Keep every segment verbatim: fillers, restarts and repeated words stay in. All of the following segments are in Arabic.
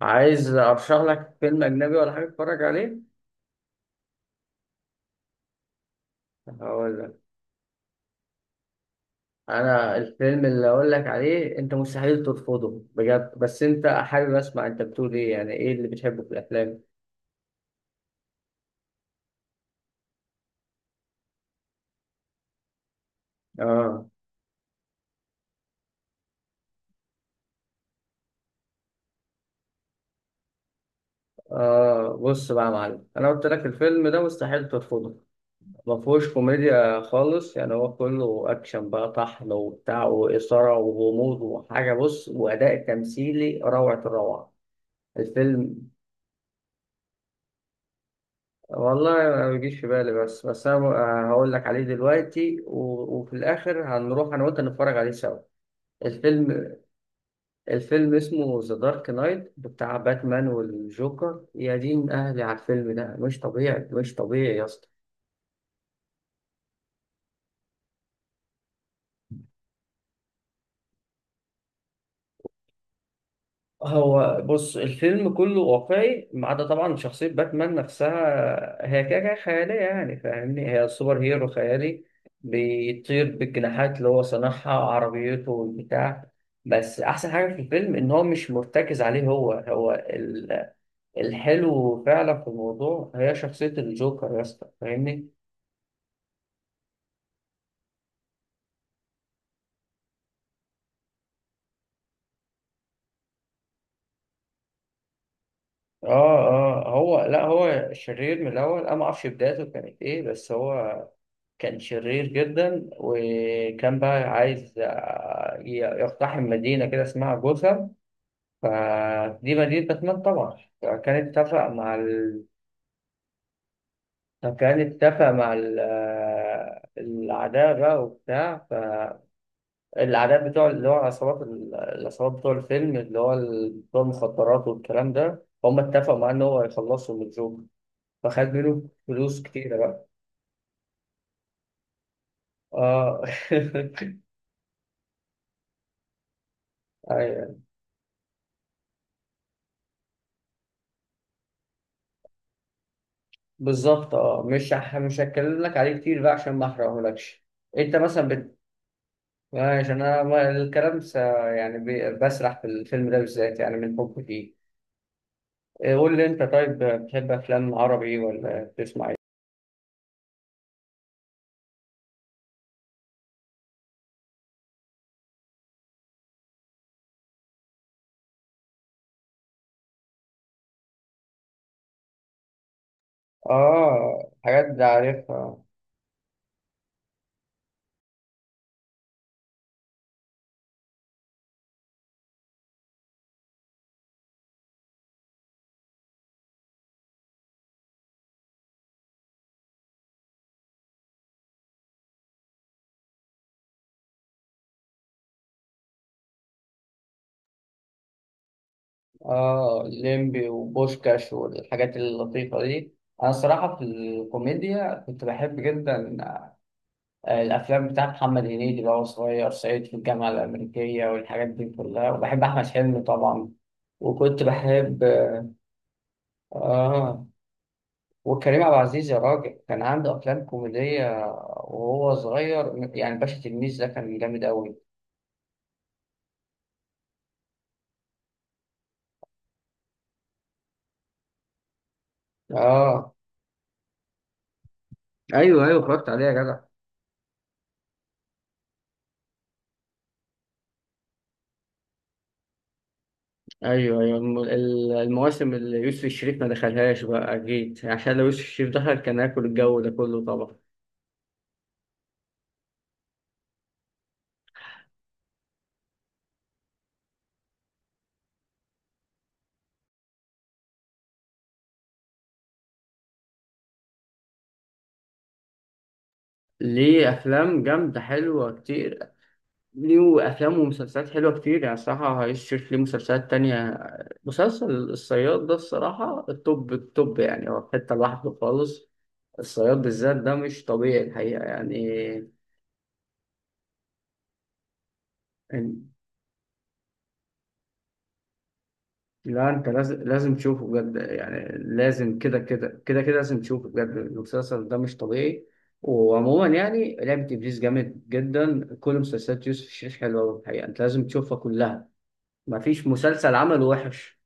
عايز ارشح لك فيلم اجنبي ولا حاجه تتفرج عليه؟ هقول لك. انا الفيلم اللي اقول لك عليه انت مستحيل ترفضه بجد، بس انت حابب اسمع انت بتقول ايه، يعني ايه اللي بتحبه في الافلام؟ اه اه، بص بقى يا معلم، انا قلت لك الفيلم ده مستحيل ترفضه. ما فيهوش كوميديا خالص، يعني هو كله اكشن بقى طحن وبتاع واثاره وغموض وحاجه، بص، واداء تمثيلي روعه الروعه الفيلم. والله ما بيجيش في بالي، بس بس انا ب- آه، هقول لك عليه دلوقتي و... وفي الاخر هنروح انا وانت نتفرج عليه سوا الفيلم. الفيلم اسمه ذا دارك نايت بتاع باتمان والجوكر، يا دين اهلي على الفيلم ده، مش طبيعي مش طبيعي يا اسطى. هو بص، الفيلم كله واقعي ما عدا طبعا شخصية باتمان نفسها، هي كده كده خيالية يعني، فاهمني، هي سوبر هيرو خيالي بيطير بالجناحات اللي هو صنعها، عربيته والبتاع. بس أحسن حاجة في الفيلم إن هو مش مرتكز عليه هو هو ال- الحلو فعلا في الموضوع هي شخصية الجوكر يا اسطى، فاهمني. اه اه، هو لا، هو شرير من الأول، أنا ما أعرفش بدايته كانت إيه، بس هو كان شرير جدا وكان بقى عايز آه، ي- يقتحم مدينة كده اسمها جوثام، فدي مدينة باتمان طبعا. فكان اتفق مع ال... فكان اتفق مع ال... آه، الأعداء بقى وبتاع. فالأعداء بتوع اللي هو العصابات، ال- العصابات بتوع الفيلم اللي هو ال- بتوع المخدرات والكلام ده، هم اتفقوا معاه إن هو يخلصهم من الجوكر، فخد منه فلوس كتيرة بقى. اه. أيوة. بالظبط. اه مش هح- مش هتكلم لك عليه كتير بقى عشان ما احرقهولكش. انت مثلا بت... عشان انا ما- الكلام س... يعني ب... بسرح في الفيلم ده بالذات يعني من حبي فيه. إيه، قول لي انت طيب، بتحب افلام عربي ولا بتسمع ايه؟ اه حاجات ده عارفها. اه ليمبي وبوشكاش والحاجات اللطيفة دي، انا الصراحة في الكوميديا كنت بحب جدا آه، الافلام بتاعت محمد هنيدي اللي هو صغير صعيدي في الجامعه الامريكيه والحاجات دي كلها، وبحب احمد حلمي طبعا. وكنت بحب، اه، وكريم عبد العزيز يا راجل، كان عنده افلام كوميديه وهو صغير، يعني باشا تلميذ ده كان جامد قوي. اه ايوه ايوه، اتفرجت عليه يا جدع. ايوه ايوه، الم- ال- المواسم اللي يوسف الشريف ما دخلهاش بقى اكيد، عشان لو يوسف الشريف دخل كان هياكل الجو ده كله طبعا. ليه افلام جامده حلوه كتير، ليه أفلام ومسلسلات حلوة كتير، يعني الصراحة هيشوف ليه مسلسلات تانية. مسلسل الصياد ده الصراحة التوب التوب، يعني هو في حتة لوحده خالص، الصياد بالذات ده مش طبيعي الحقيقة يعني. إن- لا أنت لازم لازم تشوفه بجد، يعني لازم كده كده كده كده لازم تشوفه بجد، المسلسل ده مش طبيعي. وعموما يعني لعبة إبليس جامد جدا، كل مسلسلات يوسف الشريف حلوة الحقيقة، أنت لازم تشوفها كلها، مفيش مسلسل عمله وحش.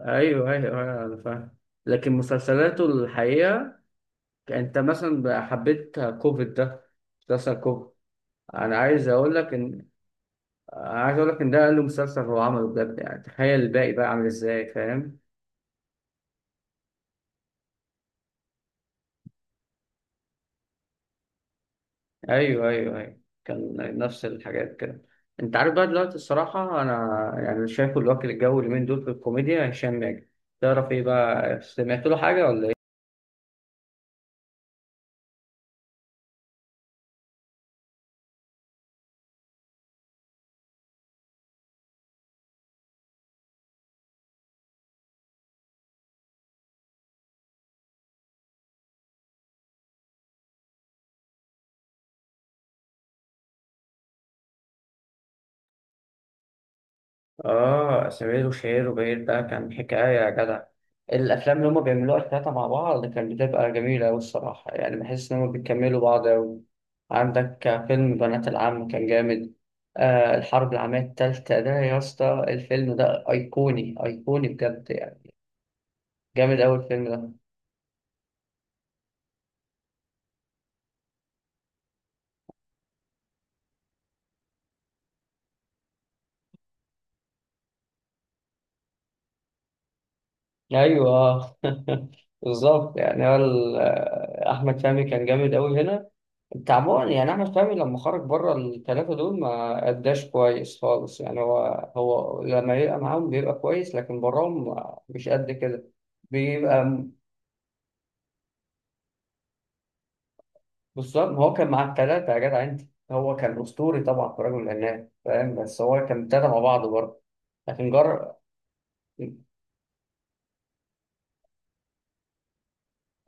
ايوه ايوه أيوة، انا فاهم. لكن مسلسلاته الحقيقه، انت مثلا بقى حبيت كوفيد ده، مسلسل كوفيد؟ انا عايز اقول لك ان عايز اقول لك ان ده اقل مسلسل هو عمله بجد، يعني تخيل الباقي بقى عامل ازاي فاهم. ايوه ايوه ايوه، كان نفس الحاجات كده. انت عارف بقى دلوقتي الصراحه، انا يعني شايفه الوكيل الجوي اليومين دول في الكوميديا، هشام ماجد، تعرف ايه بقى، سمعت له حاجه ولا؟ آه سمير وشهير وبهير ده كان حكاية يا جدع، الأفلام اللي هما بيعملوها التلاتة مع بعض كانت بتبقى جميلة أوي الصراحة، يعني بحس إن هما بيكملوا بعض أوي. عندك فيلم بنات العم كان جامد، آه الحرب العالمية التالتة ده يا اسطى، الفيلم ده أيقوني أيقوني بجد يعني، جامد أوي الفيلم ده. أيوه. بالظبط، يعني هو ال- آه، أحمد فهمي كان جامد أوي هنا، تعبان يعني، احمد فهمي لما خرج بره الثلاثه دول ما اداش كويس خالص يعني، هو هو لما يبقى معاهم بيبقى كويس لكن براهم مش قد كده، بيبقى م- بالظبط. ما هو كان مع الثلاثه يا جدع انت، هو كان اسطوري طبعا في رجل العناب فاهم، بس هو كان ابتدى مع بعض برضه لكن جرب.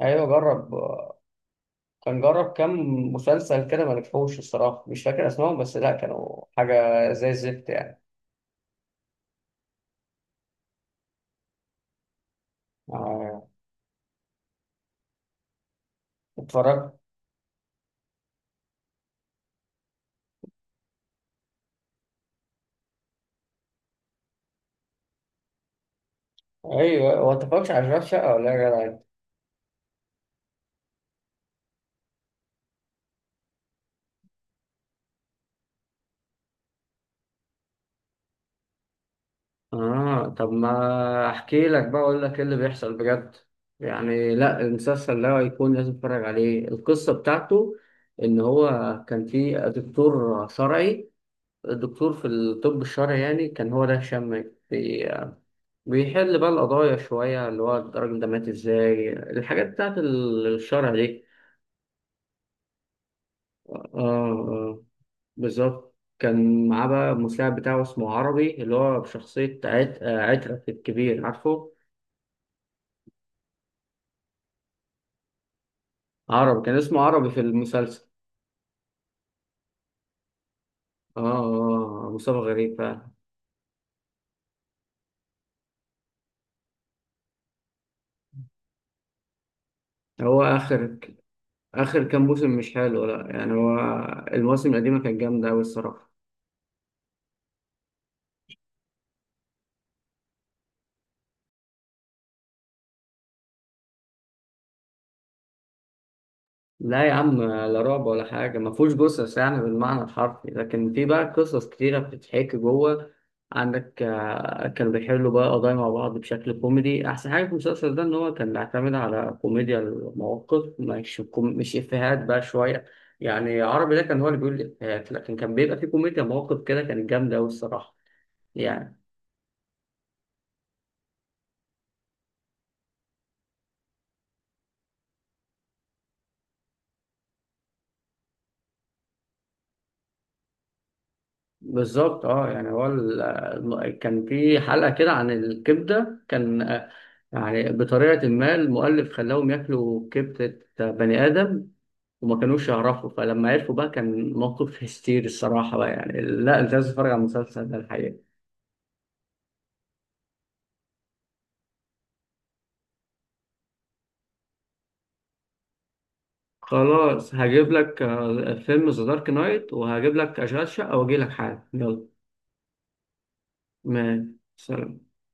ايوه جرب، كان جرب كام مسلسل كده ما نجحوش الصراحه، مش فاكر اسمائهم، بس لا كانوا حاجه زي الزفت يعني. آه، اتفرجت. ايوه، هو انت متفرجش على اشغال شقه ولا ايه يا جدع؟ اه، طب ما احكي لك بقى اقول لك ايه اللي بيحصل بجد، يعني لا المسلسل ده هيكون لازم تتفرج عليه. القصة بتاعته ان هو كان في دكتور شرعي، الدكتور في الطب الشرعي يعني كان هو ده هشام، بي- بيحل بقى القضايا شوية، اللي هو الراجل ده مات ازاي، الحاجات بتاعت الشرع دي. اه اه بالظبط، كان معاه بقى المساعد بتاعه اسمه عربي اللي هو بشخصية عت... آه، عترة الكبير، عارفه؟ عربي كان اسمه عربي في المسلسل. اه آه، مصطفى غريب فعلا. هو آخر، آخر كام موسم مش حلو، لا يعني هو المواسم القديمة كانت جامدة أوي الصراحة. لا يا عم، لا رعب ولا حاجة، ما فيهوش قصص يعني بالمعنى الحرفي، لكن في بقى قصص كتيرة بتتحكي جوه. عندك آه، كانوا بيحلوا بقى قضايا مع بعض بشكل كوميدي، أحسن حاجة في المسلسل ده إن هو كان بيعتمد على كوميديا المواقف، مش كوم... مش إفيهات بقى شوية، يعني عربي ده كان هو اللي بيقول الإفيهات، لكن كان بيبقى فيه كوميديا مواقف كده كانت جامدة أوي الصراحة يعني. بالظبط اه، يعني هو ال- كان في حلقة كده عن الكبدة، كان آه، يعني بطريقة ما المؤلف خلاهم ياكلوا كبدة بني آدم وما كانوش يعرفوا، فلما عرفوا بقى كان موقف هستيري الصراحة بقى، يعني لا انت لازم تتفرج على المسلسل ده الحقيقة. خلاص هجيب لك آه، فيلم ذا دارك نايت وهجيب لك أشغال شقة وأجي لك حالا، يلا. ما سلام.